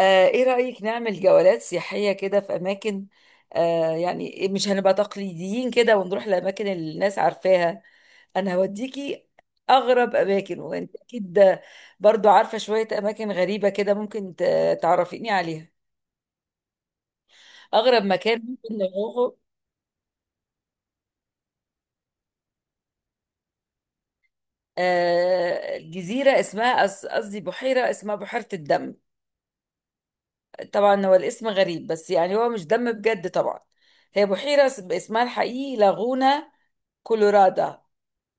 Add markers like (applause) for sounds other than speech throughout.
ايه رأيك نعمل جولات سياحية كده في اماكن. يعني مش هنبقى تقليديين كده ونروح لاماكن اللي الناس عارفاها. انا هوديكي اغرب اماكن، وانت اكيد برضو عارفة شوية اماكن غريبة كده ممكن تعرفيني عليها. اغرب مكان ممكن نروحه آه جزيرة اسمها قصدي بحيرة، اسمها بحيرة الدم. طبعا هو الاسم غريب، بس يعني هو مش دم بجد طبعا. هي بحيرة اسمها الحقيقي لاغونا كولورادا.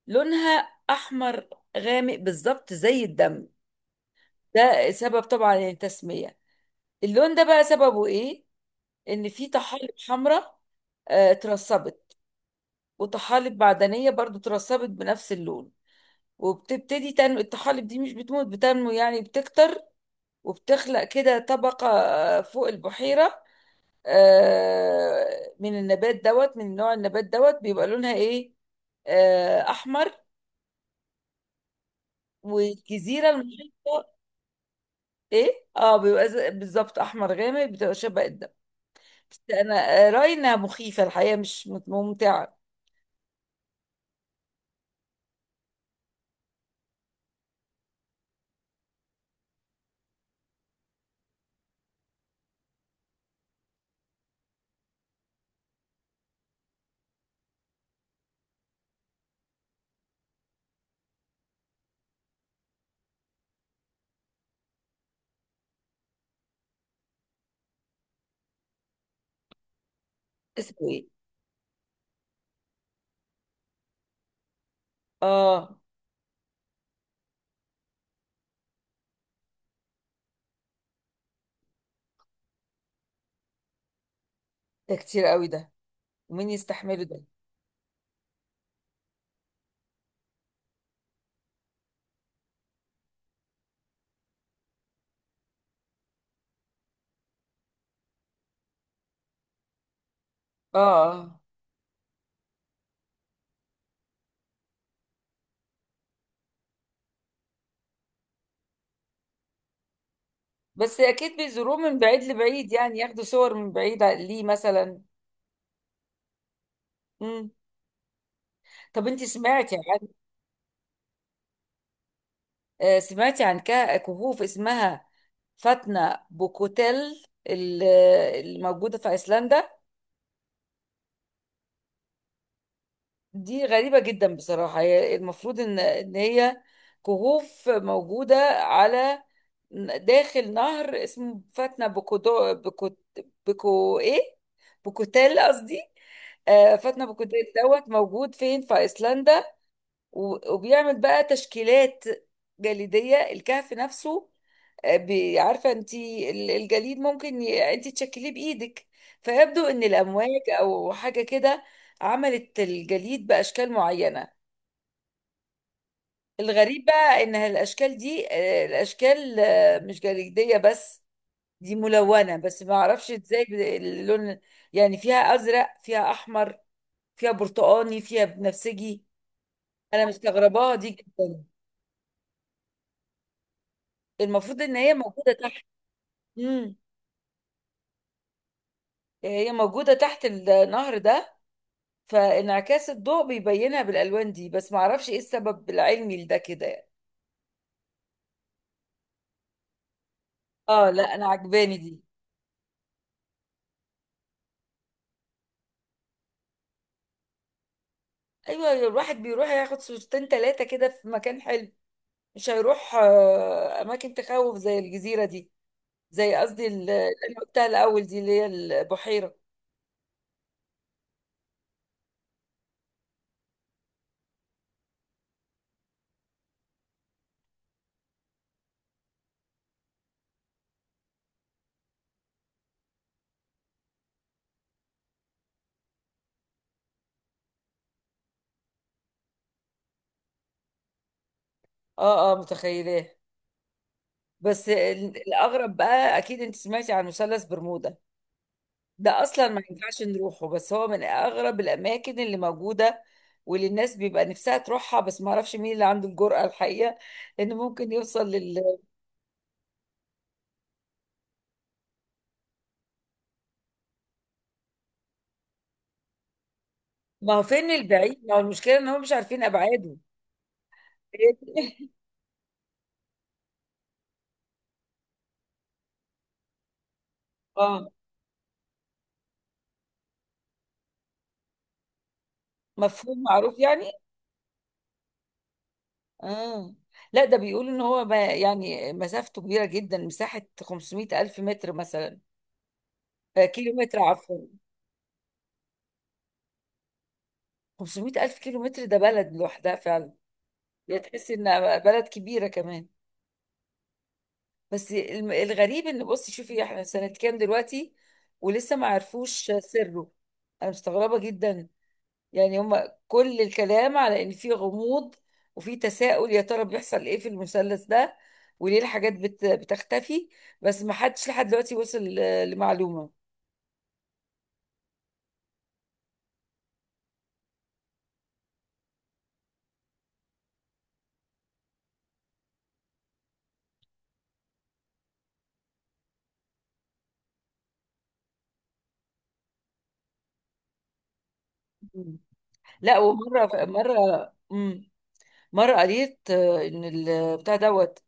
لونها احمر غامق بالظبط زي الدم. ده سبب طبعا التسمية. اللون ده بقى سببه ايه؟ ان في طحالب حمراء اترسبت، وطحالب معدنية برضو اترسبت بنفس اللون. وبتبتدي تنمو الطحالب دي، مش بتموت، بتنمو يعني بتكتر. وبتخلق كده طبقة فوق البحيرة. آه، من النبات دوت من نوع النبات دوت بيبقى لونها ايه؟ احمر. والجزيرة المحيطة ايه، اه، بيبقى بالظبط احمر غامق، بتبقى شبه الدم. بس انا راينا مخيفه الحقيقه، مش ممتعه. اسمه ايه؟ اه، ده كتير قوي ده. ومين يستحمله ده؟ اه آه. بس اكيد بيزوروه من بعيد لبعيد يعني، ياخدوا صور من بعيد ليه مثلا. امم. طب انت سمعتي عن آه، سمعتي عن كهوف اسمها فاتنا بوكوتيل الموجوده في ايسلندا؟ دي غريبة جدا بصراحة. هي المفروض إن هي كهوف موجودة على داخل نهر اسمه فاتنة بكودو بكو بكو إيه بكوتيل قصدي. فاتنة بكوتيل دوت موجود فين؟ في أيسلندا. وبيعمل بقى تشكيلات جليدية الكهف نفسه. عارفه انت الجليد ممكن انت تشكليه بايدك. فيبدو ان الامواج او حاجه كده عملت الجليد باشكال معينه. الغريب بقى ان الاشكال دي الاشكال مش جليديه بس، دي ملونه. بس ما اعرفش ازاي اللون. يعني فيها ازرق، فيها احمر، فيها برتقاني، فيها بنفسجي. انا مستغرباها دي جدا. المفروض ان هي موجوده تحت. امم. هي موجوده تحت النهر ده، فانعكاس الضوء بيبينها بالالوان دي. بس ما اعرفش ايه السبب العلمي لده كده يعني. اه، لا، انا عجباني دي. ايوه، الواحد بيروح ياخد صورتين ثلاثه كده في مكان حلو، مش هيروح اماكن تخوف زي الجزيره دي. زي قصدي اللي أنا قلتها الاول دي، اللي هي البحيره. اه اه، متخيلاه. بس الاغرب بقى، اكيد انت سمعتي عن مثلث برمودا. ده اصلا ما ينفعش نروحه، بس هو من اغرب الاماكن اللي موجوده واللي الناس بيبقى نفسها تروحها. بس ما اعرفش مين اللي عنده الجرأة الحقيقه، لانه ممكن يوصل لل. ما هو فين البعيد، ما هو المشكله ان هم مش عارفين ابعاده. (laughs) اه، مفهوم معروف يعني. اه، لا، ده بيقولوا ان هو ما يعني مسافته كبيره جدا، مساحه 500 الف متر مثلا آه، كيلو متر عفوا. 500 الف كيلو متر ده بلد لوحدها فعلا، يا تحس انها بلد كبيره كمان. بس الغريب ان، بصي شوفي احنا سنة كام دلوقتي ولسه ما عرفوش سره. انا مستغربة جدا. يعني هما كل الكلام على ان في غموض، وفي تساؤل يا ترى بيحصل ايه في المثلث ده وليه الحاجات بت... بتختفي. بس ما حدش لحد دلوقتي وصل لمعلومة. مم. لا، ومرة مرة مم، مرة قريت ان البتاع دوت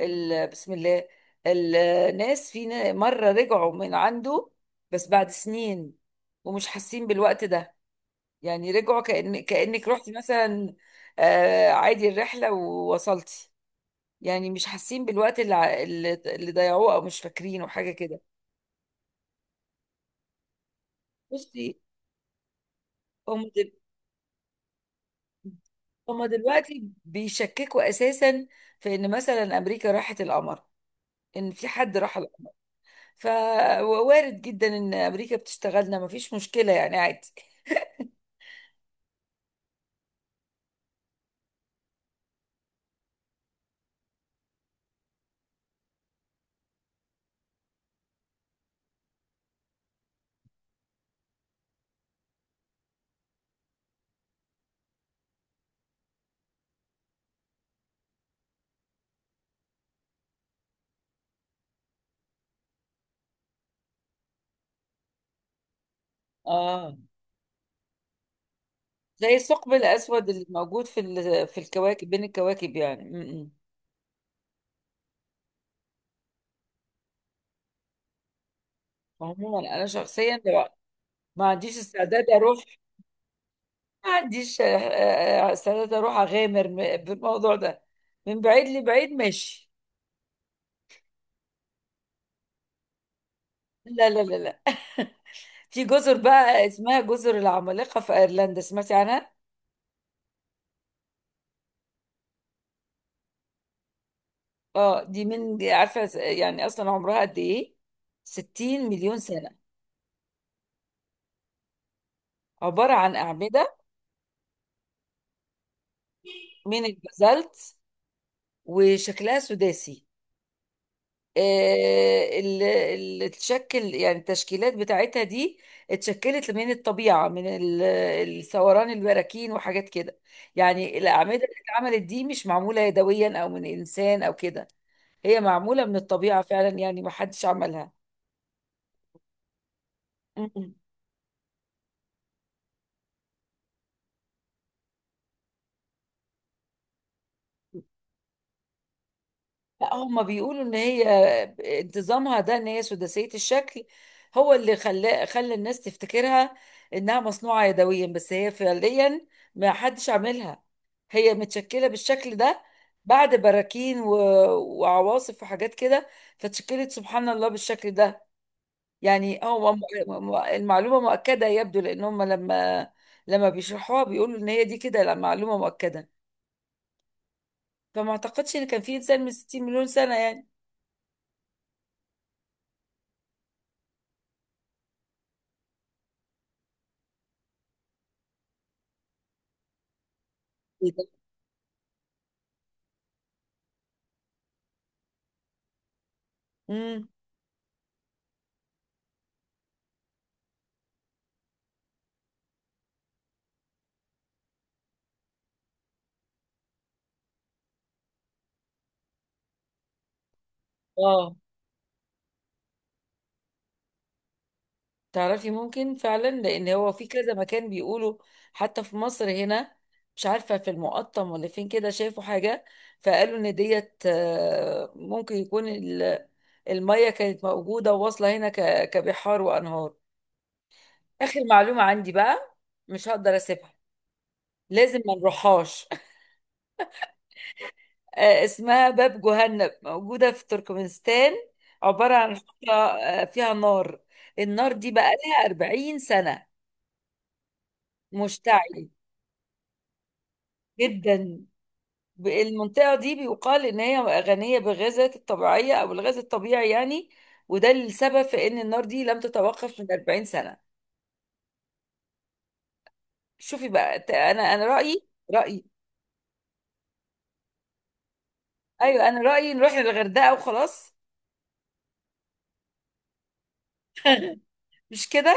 بسم الله. الناس في مرة رجعوا من عنده بس بعد سنين، ومش حاسين بالوقت ده. يعني رجعوا كأن كأنك رحت مثلا عادي الرحلة ووصلتي. يعني مش حاسين بالوقت اللي ع- اللي اللي ضيعوه، او مش فاكرينه حاجة كده. بصي، هم دل- هما دلوقتي بيشككوا اساسا في ان مثلا امريكا راحت القمر، ان في حد راح القمر. فوارد جدا ان امريكا بتشتغلنا، مفيش مشكله يعني عادي. اه، زي الثقب الاسود اللي موجود في في الكواكب بين الكواكب يعني م- م. عموما انا شخصيا لو ما عنديش استعداد اروح. ما عنديش استعداد اروح اغامر بالموضوع ده. من بعيد لبعيد ماشي. لا لا لا لا. (laughs) في جزر بقى اسمها جزر العمالقة في ايرلندا، سمعتي عنها؟ اه، دي من، دي عارفة يعني اصلا عمرها قد ايه؟ 60 مليون سنة. عبارة عن أعمدة من البازالت، وشكلها سداسي. آه، ال- تشكل يعني التشكيلات بتاعتها دي اتشكلت من الطبيعة، من الثوران البراكين وحاجات كده. يعني الأعمدة اللي اتعملت دي مش معمولة يدويا أو من إنسان أو كده، هي معمولة من الطبيعة فعلا يعني، ما حدش عملها. لا، هما بيقولوا ان هي انتظامها ده، ان هي سداسية الشكل، هو اللي خلى الناس تفتكرها انها مصنوعة يدويا. بس هي فعليا ما حدش عاملها، هي متشكلة بالشكل ده بعد براكين و... وعواصف وحاجات كده. فتشكلت سبحان الله بالشكل ده. يعني هو المعلومة مؤكدة يبدو، لان هم لما بيشرحوها بيقولوا ان هي دي كده، لا، معلومة مؤكدة. فما اعتقدش ان كان في انسان من 60 مليون سنة يعني. إيه ده؟ اه، تعرفي، ممكن فعلا، لان هو في كذا مكان بيقولوا. حتى في مصر هنا، مش عارفه في المقطم ولا فين كده، شافوا حاجه فقالوا ان ديت ممكن يكون الميه كانت موجوده وواصله هنا كبحار وانهار. اخر معلومه عندي بقى، مش هقدر اسيبها. لازم ما نروحهاش. (laughs) اسمها باب جهنم، موجوده في تركمانستان. عباره عن حفره فيها نار. النار دي بقى لها 40 سنه مشتعل جدا. المنطقة دي بيقال إن هي غنية بالغازات الطبيعية أو الغاز الطبيعي يعني، وده السبب في إن النار دي لم تتوقف من 40 سنة. شوفي بقى أنا رأيي. أيوه، أنا رأيي نروح للغردقة وخلاص. مش كده؟